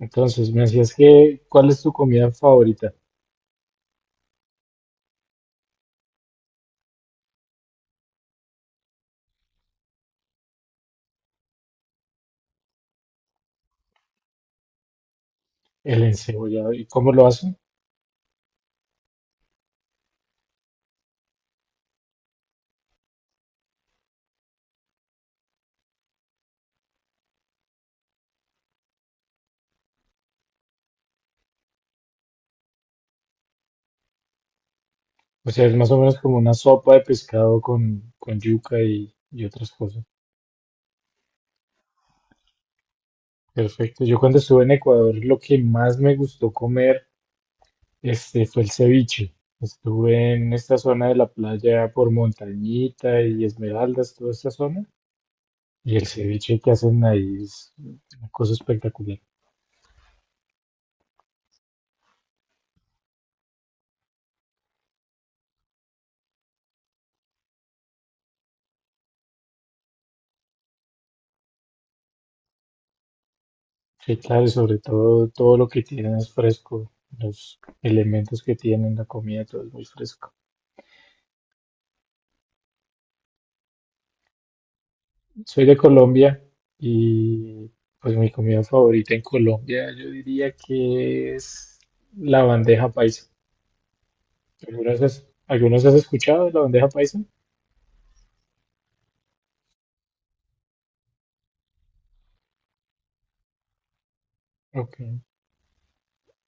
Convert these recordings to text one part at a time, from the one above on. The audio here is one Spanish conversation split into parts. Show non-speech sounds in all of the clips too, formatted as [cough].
Entonces, me decías que, ¿cuál es tu comida favorita? El encebollado. ¿Y cómo lo hacen? O sea, es más o menos como una sopa de pescado con, yuca y, otras cosas. Perfecto. Yo cuando estuve en Ecuador, lo que más me gustó comer, fue el ceviche. Estuve en esta zona de la playa por Montañita y Esmeraldas, toda esta zona. Y el ceviche que hacen ahí es una cosa espectacular. Sí, claro, y sobre todo todo lo que tienen es fresco, los elementos que tienen, la comida, todo es muy fresco. Soy de Colombia y pues mi comida favorita en Colombia yo diría que es la bandeja paisa. ¿Algunos has escuchado de la bandeja paisa? Ok.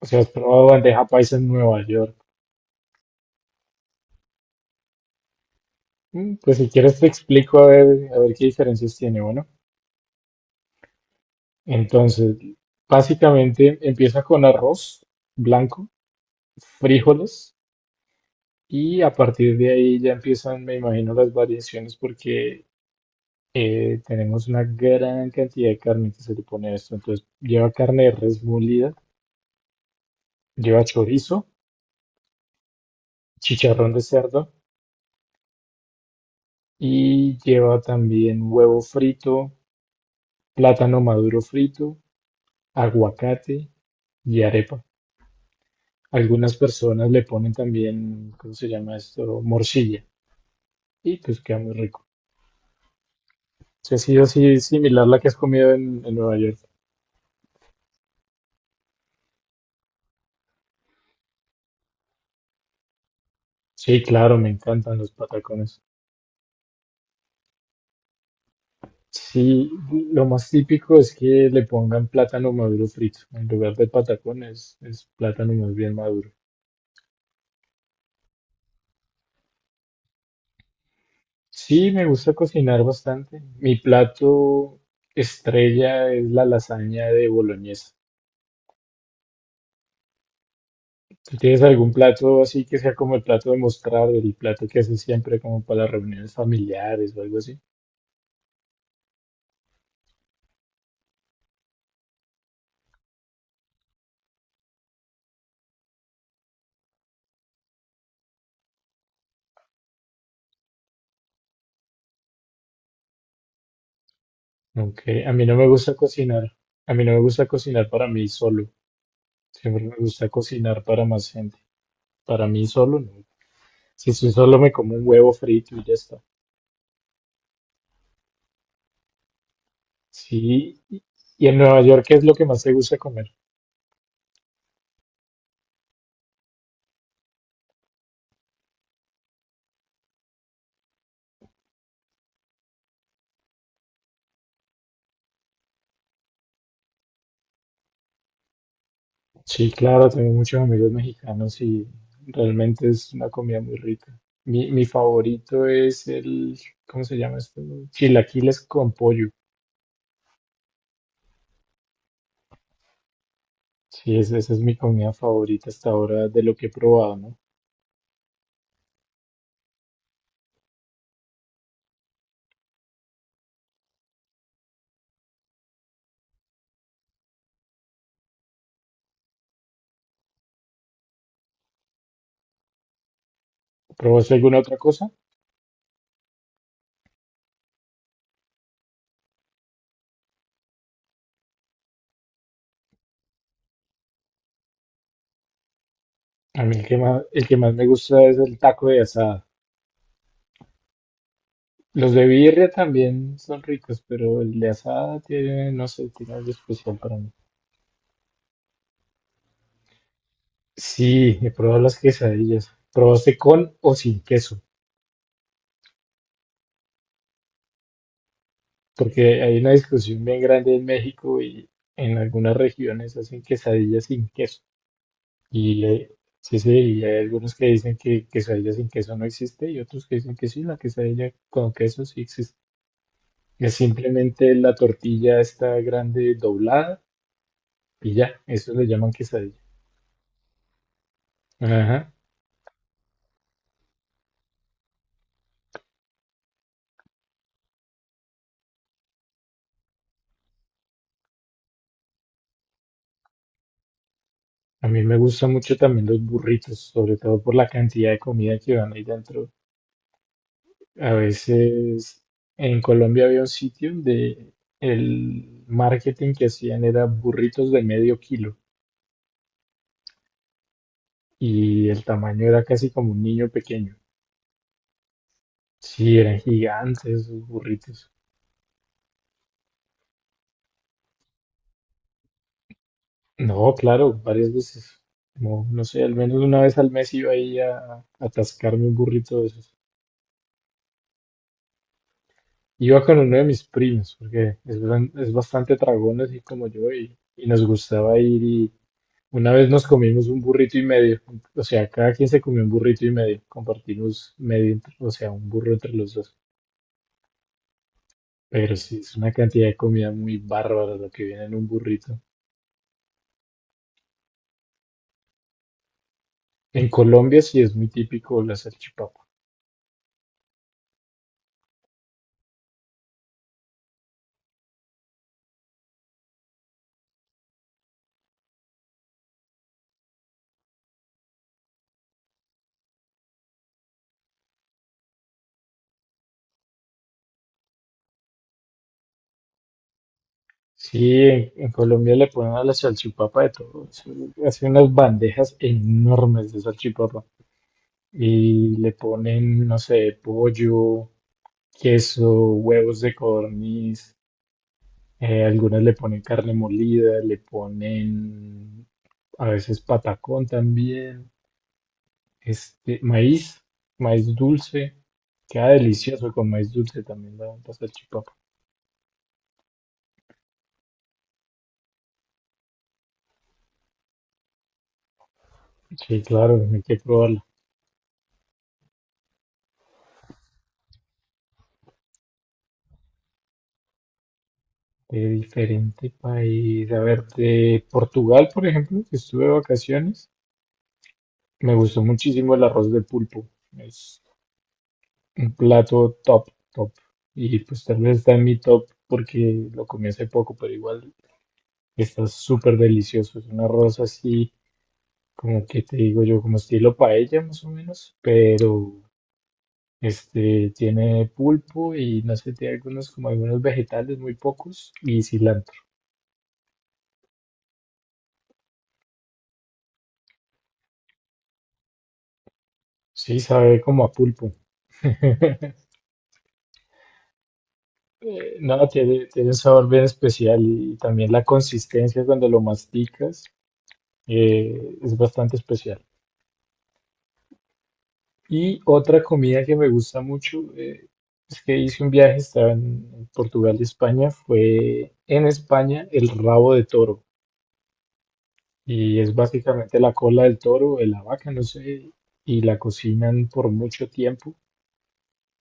O sea, ¿has probado bandeja paisa en Nueva York? Mm, pues si quieres te explico a ver qué diferencias tiene, bueno. Entonces, básicamente empieza con arroz blanco, frijoles. Y a partir de ahí ya empiezan, me imagino, las variaciones porque tenemos una gran cantidad de carne que se le pone a esto. Entonces lleva carne de res molida, lleva chorizo, chicharrón de cerdo y lleva también huevo frito, plátano maduro frito, aguacate y arepa. Algunas personas le ponen también, ¿cómo se llama esto? Morcilla. Y pues queda muy rico. Si ha sido así similar la que has comido en, Nueva York. Sí, claro, me encantan los patacones. Sí, lo más típico es que le pongan plátano maduro frito. En lugar de patacones, es plátano más bien maduro. Sí, me gusta cocinar bastante. Mi plato estrella es la lasaña de boloñesa. ¿Tú tienes algún plato así que sea como el plato de mostrar, el plato que haces siempre como para las reuniones familiares o algo así? Aunque a mí no me gusta cocinar. A mí no me gusta cocinar para mí solo. Siempre me gusta cocinar para más gente. Para mí solo no. Si sí, solo me como un huevo frito y ya está. Sí, y en Nueva York, ¿qué es lo que más te gusta comer? Sí, claro, tengo muchos amigos mexicanos y realmente es una comida muy rica. Mi favorito es el, ¿cómo se llama esto? Chilaquiles con pollo. Sí, esa es mi comida favorita hasta ahora de lo que he probado, ¿no? ¿Probaste alguna otra cosa? A mí el que más me gusta es el taco de asada. Los de birria también son ricos, pero el de asada tiene, no sé, tiene algo especial para mí. Sí, he probado las quesadillas. ¿Probaste con o sin queso? Porque hay una discusión bien grande en México y en algunas regiones hacen quesadillas sin queso. Y sí, sí, y hay algunos que dicen que quesadilla sin queso no existe y otros que dicen que sí, la quesadilla con queso sí existe. Es simplemente la tortilla está grande doblada y ya, eso le llaman quesadilla. Ajá. A mí me gustan mucho también los burritos, sobre todo por la cantidad de comida que van ahí dentro. A veces en Colombia había un sitio donde el marketing que hacían era burritos de medio kilo y el tamaño era casi como un niño pequeño. Sí, eran gigantes esos burritos. No, claro, varias veces. No, no sé, al menos una vez al mes iba ahí a, atascarme un burrito de esos. Iba con uno de mis primos, porque es, es bastante tragón así como yo y, nos gustaba ir. Una vez nos comimos un burrito y medio, o sea, cada quien se comió un burrito y medio, compartimos medio, o sea, un burro entre los dos. Pero sí, es una cantidad de comida muy bárbara lo que viene en un burrito. En Colombia sí es muy típico la salchipapa. Sí, en, Colombia le ponen a la salchipapa de todo. Hacen unas bandejas enormes de salchipapa y le ponen, no sé, pollo, queso, huevos de codorniz. Algunas le ponen carne molida, le ponen a veces patacón también, maíz, maíz dulce, queda delicioso con maíz dulce también la, salchipapa. Sí, claro, hay que probarla. De diferente país, a ver, de Portugal, por ejemplo, que estuve de vacaciones, me gustó muchísimo el arroz de pulpo, es un plato top, top. Y pues tal vez está en mi top porque lo comí hace poco, pero igual está súper delicioso. Es un arroz así, como que te digo yo, como estilo paella más o menos, pero este tiene pulpo y no sé, tiene algunos como algunos vegetales, muy pocos, y cilantro. Sí, sabe como a pulpo. [laughs] No, tiene, un sabor bien especial y también la consistencia cuando lo masticas es bastante especial. Y otra comida que me gusta mucho, es que hice un viaje, estaba en Portugal y España, fue en España el rabo de toro. Y es básicamente la cola del toro, de la vaca, no sé, y la cocinan por mucho tiempo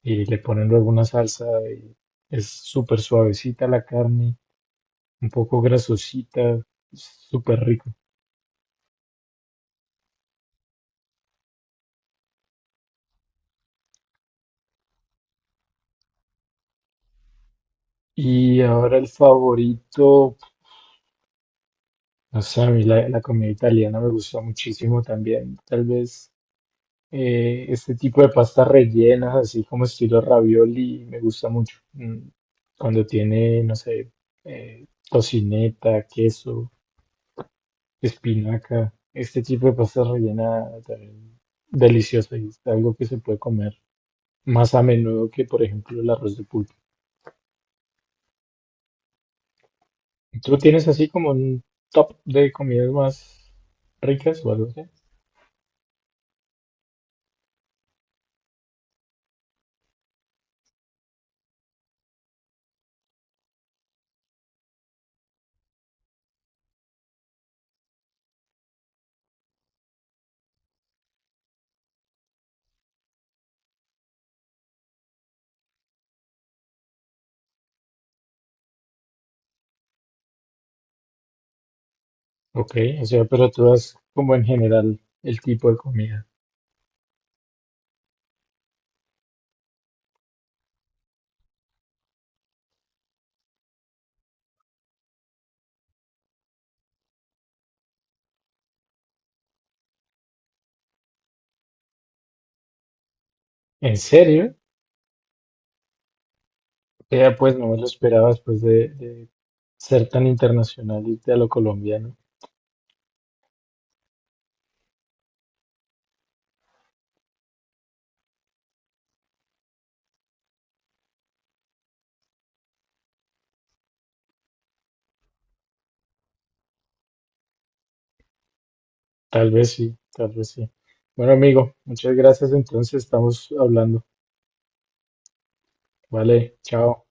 y le ponen luego una salsa y es súper suavecita la carne, un poco grasosita, súper rico. Y ahora el favorito, no sé, a mí la, comida italiana me gusta muchísimo también, tal vez este tipo de pastas rellenas, así como estilo ravioli, me gusta mucho. Mm, cuando tiene, no sé, tocineta, queso, espinaca, este tipo de pastas rellenas también deliciosa y es algo que se puede comer más a menudo que, por ejemplo, el arroz de pulpo. ¿Tú tienes así como un top de comidas más ricas o algo así? Ok, o sea, pero tú das como en general el tipo de comida. ¿En serio? Vea, pues no me lo esperaba después de, ser tan internacional y a lo colombiano. Tal vez sí, tal vez sí. Bueno, amigo, muchas gracias. Entonces estamos hablando. Vale, chao.